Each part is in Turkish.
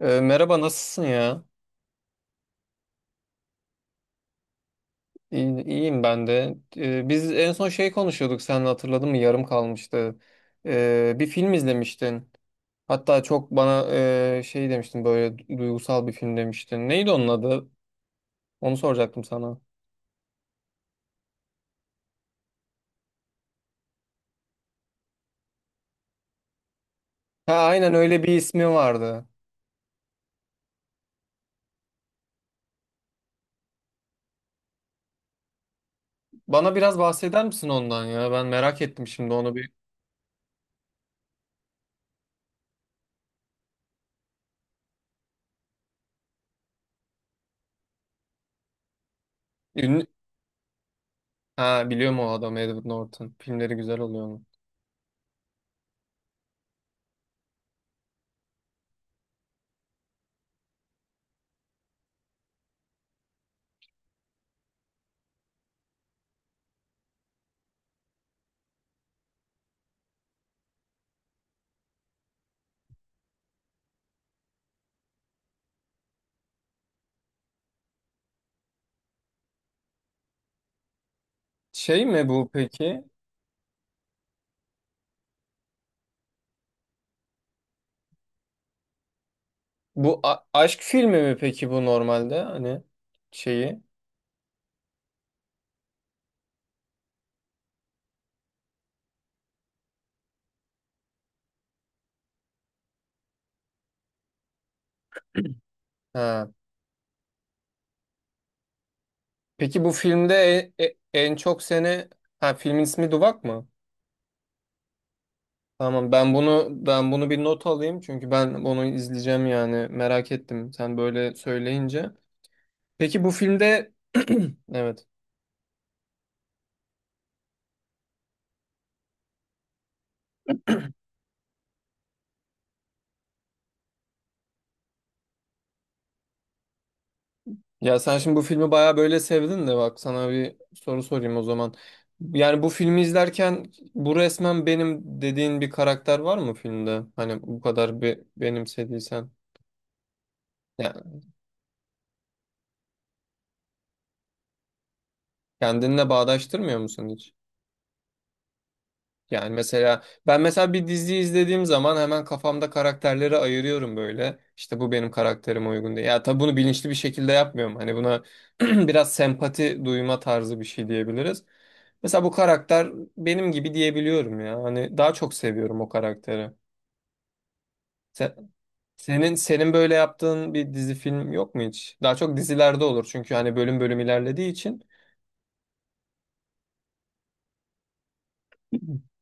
Merhaba nasılsın ya? İyi, iyiyim ben de. Biz en son şey konuşuyorduk, sen hatırladın mı? Yarım kalmıştı. Bir film izlemiştin. Hatta çok bana şey demiştin, böyle duygusal bir film demiştin. Neydi onun adı? Onu soracaktım sana. Ha, aynen öyle bir ismi vardı. Bana biraz bahseder misin ondan ya? Ben merak ettim şimdi onu bir. Ünlü... Ha, biliyorum o adamı, Edward Norton. Filmleri güzel oluyor onun. Şey mi bu peki? Bu aşk filmi mi peki, bu normalde hani şeyi? Ha. Peki bu filmde en çok seni, ha filmin ismi Duvak mı? Tamam, ben bunu bir not alayım, çünkü ben bunu izleyeceğim, yani merak ettim sen böyle söyleyince. Peki bu filmde evet. Ya sen şimdi bu filmi bayağı böyle sevdin de, bak sana bir soru sorayım o zaman. Yani bu filmi izlerken bu resmen benim dediğin bir karakter var mı filmde? Hani bu kadar benimsediysen. Ya, kendinle bağdaştırmıyor musun hiç? Yani mesela ben mesela bir dizi izlediğim zaman hemen kafamda karakterleri ayırıyorum böyle. İşte bu benim karakterime uygun diye. Ya tabii bunu bilinçli bir şekilde yapmıyorum. Hani buna biraz sempati duyma tarzı bir şey diyebiliriz. Mesela bu karakter benim gibi diyebiliyorum ya. Hani daha çok seviyorum o karakteri. Se- senin böyle yaptığın bir dizi film yok mu hiç? Daha çok dizilerde olur, çünkü hani bölüm bölüm ilerlediği için.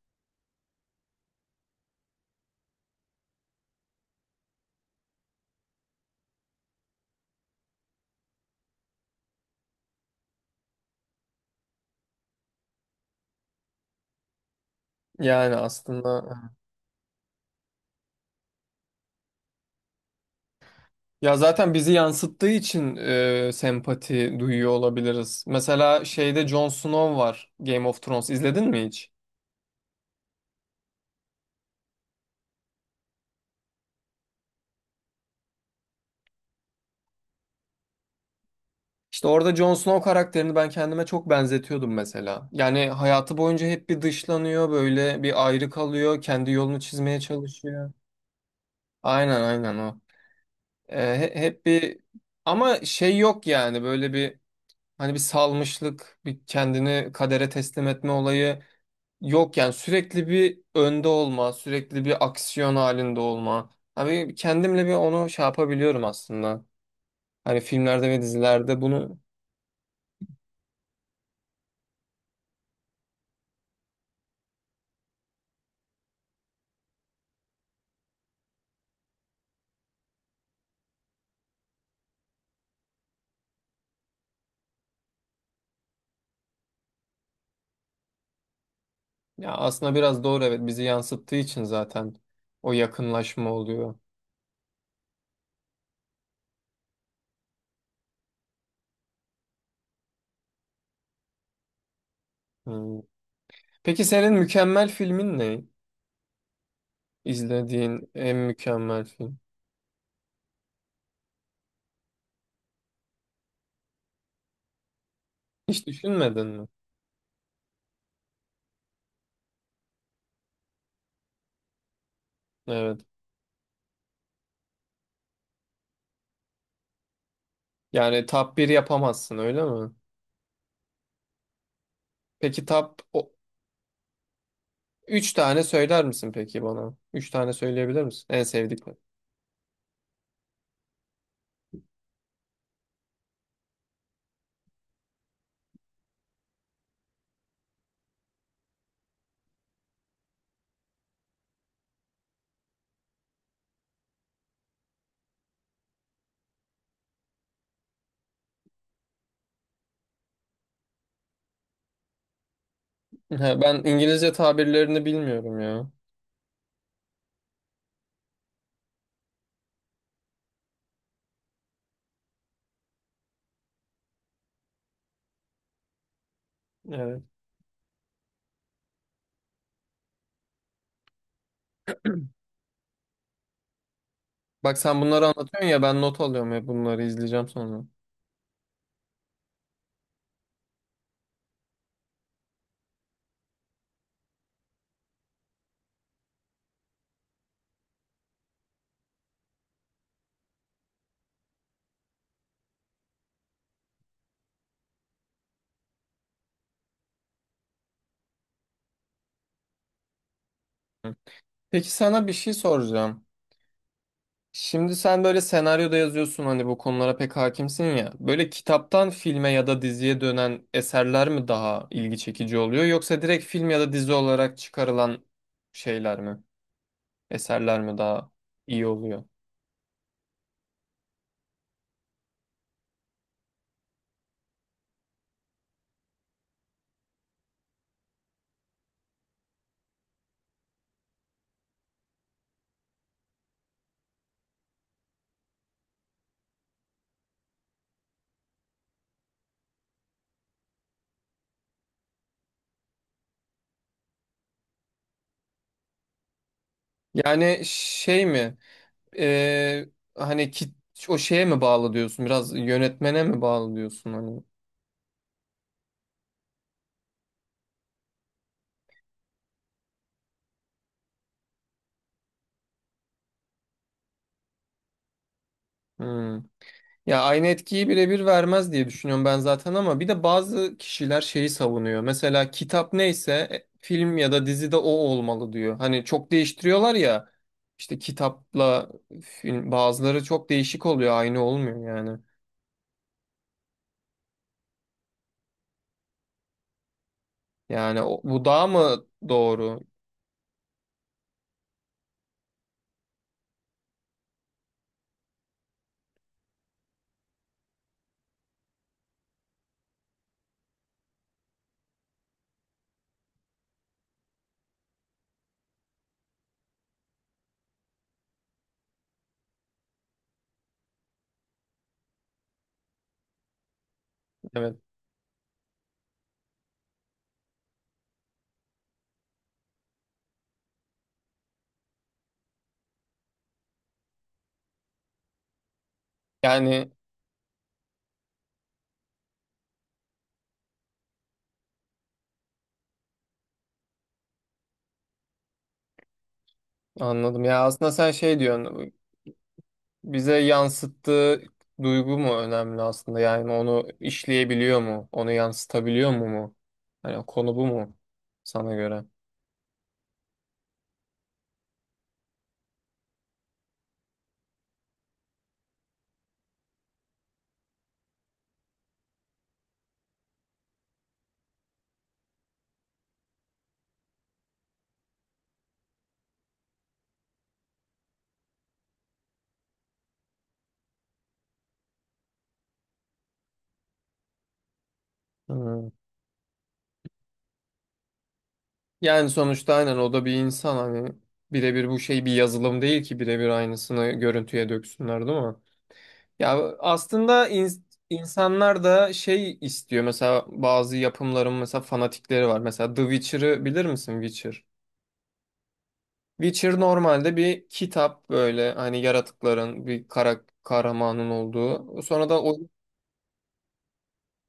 Yani aslında, ya zaten bizi yansıttığı için sempati duyuyor olabiliriz. Mesela şeyde Jon Snow var, Game of Thrones izledin mi hiç? İşte orada Jon Snow karakterini ben kendime çok benzetiyordum mesela. Yani hayatı boyunca hep bir dışlanıyor, böyle bir ayrı kalıyor, kendi yolunu çizmeye çalışıyor. Aynen aynen o. Hep bir, ama şey yok yani, böyle bir, hani bir salmışlık, bir kendini kadere teslim etme olayı. Yok yani, sürekli bir önde olma, sürekli bir aksiyon halinde olma. Abi kendimle bir onu şey yapabiliyorum aslında. Hani filmlerde ve dizilerde bunu, ya aslında biraz doğru, evet, bizi yansıttığı için zaten o yakınlaşma oluyor. Hmm. Peki senin mükemmel filmin ne? İzlediğin en mükemmel film. Hiç düşünmedin mi? Evet. Yani top 1 yapamazsın öyle mi? Peki top o, üç tane söyler misin peki bana? Üç tane söyleyebilir misin? En sevdiklerin. He, ben İngilizce tabirlerini bilmiyorum ya. Evet. Bak sen bunları anlatıyorsun ya, ben not alıyorum ya, bunları izleyeceğim sonra. Hı. Peki sana bir şey soracağım. Şimdi sen böyle senaryoda yazıyorsun, hani bu konulara pek hakimsin ya. Böyle kitaptan filme ya da diziye dönen eserler mi daha ilgi çekici oluyor, yoksa direkt film ya da dizi olarak çıkarılan şeyler mi? Eserler mi daha iyi oluyor? Yani şey mi? Ee, Hani ki, o şeye mi bağlı diyorsun? Biraz yönetmene mi bağlı diyorsun hani? Hmm. Ya aynı etkiyi birebir vermez diye düşünüyorum ben zaten, ama bir de bazı kişiler şeyi savunuyor. Mesela kitap neyse film ya da dizide o olmalı diyor. Hani çok değiştiriyorlar ya, işte kitapla film bazıları çok değişik oluyor, aynı olmuyor yani. Yani o- bu daha mı doğru? Evet. Yani anladım ya, aslında sen şey diyorsun, bize yansıttığı duygu mu önemli aslında? Yani onu işleyebiliyor mu? Onu yansıtabiliyor mu? Hani konu bu mu sana göre? Hmm. Yani sonuçta aynen o da bir insan, hani birebir bu şey bir yazılım değil ki birebir aynısını görüntüye döksünler, değil mi? Ya aslında insanlar da şey istiyor, mesela bazı yapımların mesela fanatikleri var. Mesela The Witcher'ı bilir misin, Witcher? Witcher normalde bir kitap, böyle hani yaratıkların, bir kara, kahramanın olduğu.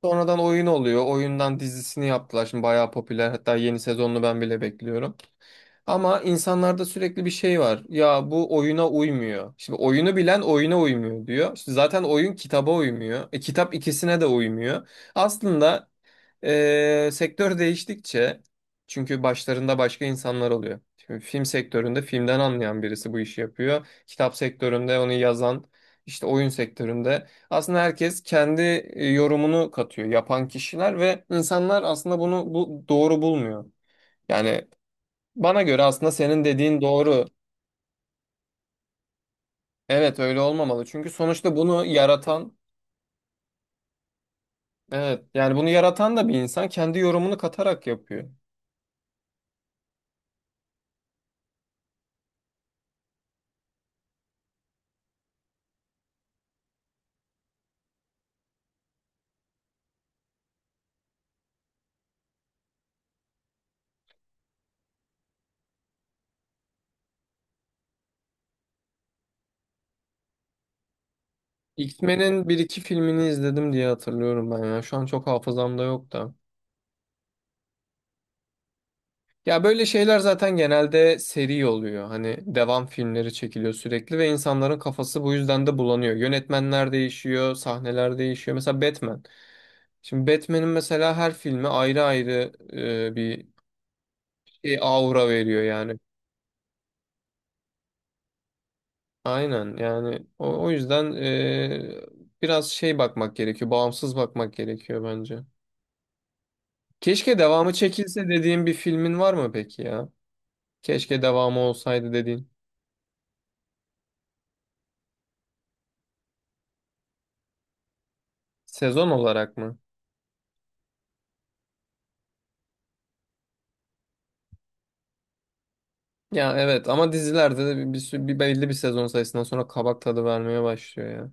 Sonradan oyun oluyor. Oyundan dizisini yaptılar. Şimdi bayağı popüler. Hatta yeni sezonunu ben bile bekliyorum. Ama insanlarda sürekli bir şey var. Ya bu oyuna uymuyor. Şimdi oyunu bilen oyuna uymuyor diyor. İşte zaten oyun kitaba uymuyor. E, kitap ikisine de uymuyor. Aslında sektör değiştikçe, çünkü başlarında başka insanlar oluyor. Şimdi film sektöründe filmden anlayan birisi bu işi yapıyor. Kitap sektöründe onu yazan, işte oyun sektöründe. Aslında herkes kendi yorumunu katıyor yapan kişiler, ve insanlar aslında bunu, bu doğru bulmuyor. Yani bana göre aslında senin dediğin doğru. Evet, öyle olmamalı. Çünkü sonuçta bunu yaratan, evet yani bunu yaratan da bir insan, kendi yorumunu katarak yapıyor. X-Men'in bir iki filmini izledim diye hatırlıyorum ben ya. Şu an çok hafızamda yok da. Ya böyle şeyler zaten genelde seri oluyor. Hani devam filmleri çekiliyor sürekli, ve insanların kafası bu yüzden de bulanıyor. Yönetmenler değişiyor, sahneler değişiyor. Mesela Batman. Şimdi Batman'in mesela her filmi ayrı ayrı bir şey, aura veriyor yani. Aynen yani, o yüzden biraz şey bakmak gerekiyor, bağımsız bakmak gerekiyor bence. Keşke devamı çekilse dediğim bir filmin var mı peki ya? Keşke devamı olsaydı dediğin. Sezon olarak mı? Ya evet, ama dizilerde de bir belli bir sezon sayısından sonra kabak tadı vermeye başlıyor ya.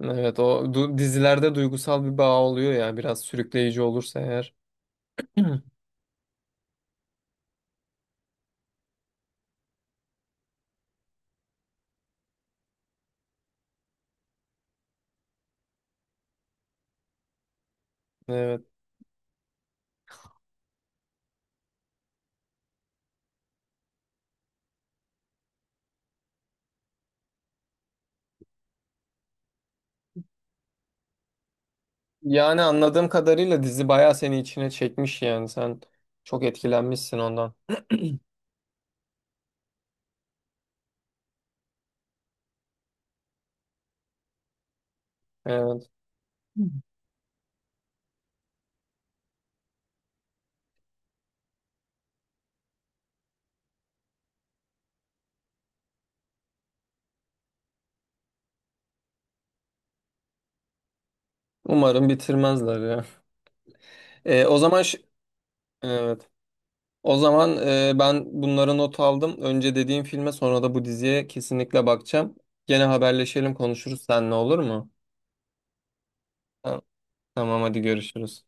Evet, dizilerde duygusal bir bağ oluyor ya, biraz sürükleyici olursa eğer. Evet. Yani anladığım kadarıyla dizi bayağı seni içine çekmiş, yani sen çok etkilenmişsin ondan. Evet. Umarım bitirmezler ya. O zaman evet. O zaman ben bunları not aldım. Önce dediğim filme, sonra da bu diziye kesinlikle bakacağım. Gene haberleşelim, konuşuruz seninle, olur mu? Tamam tamam, hadi görüşürüz.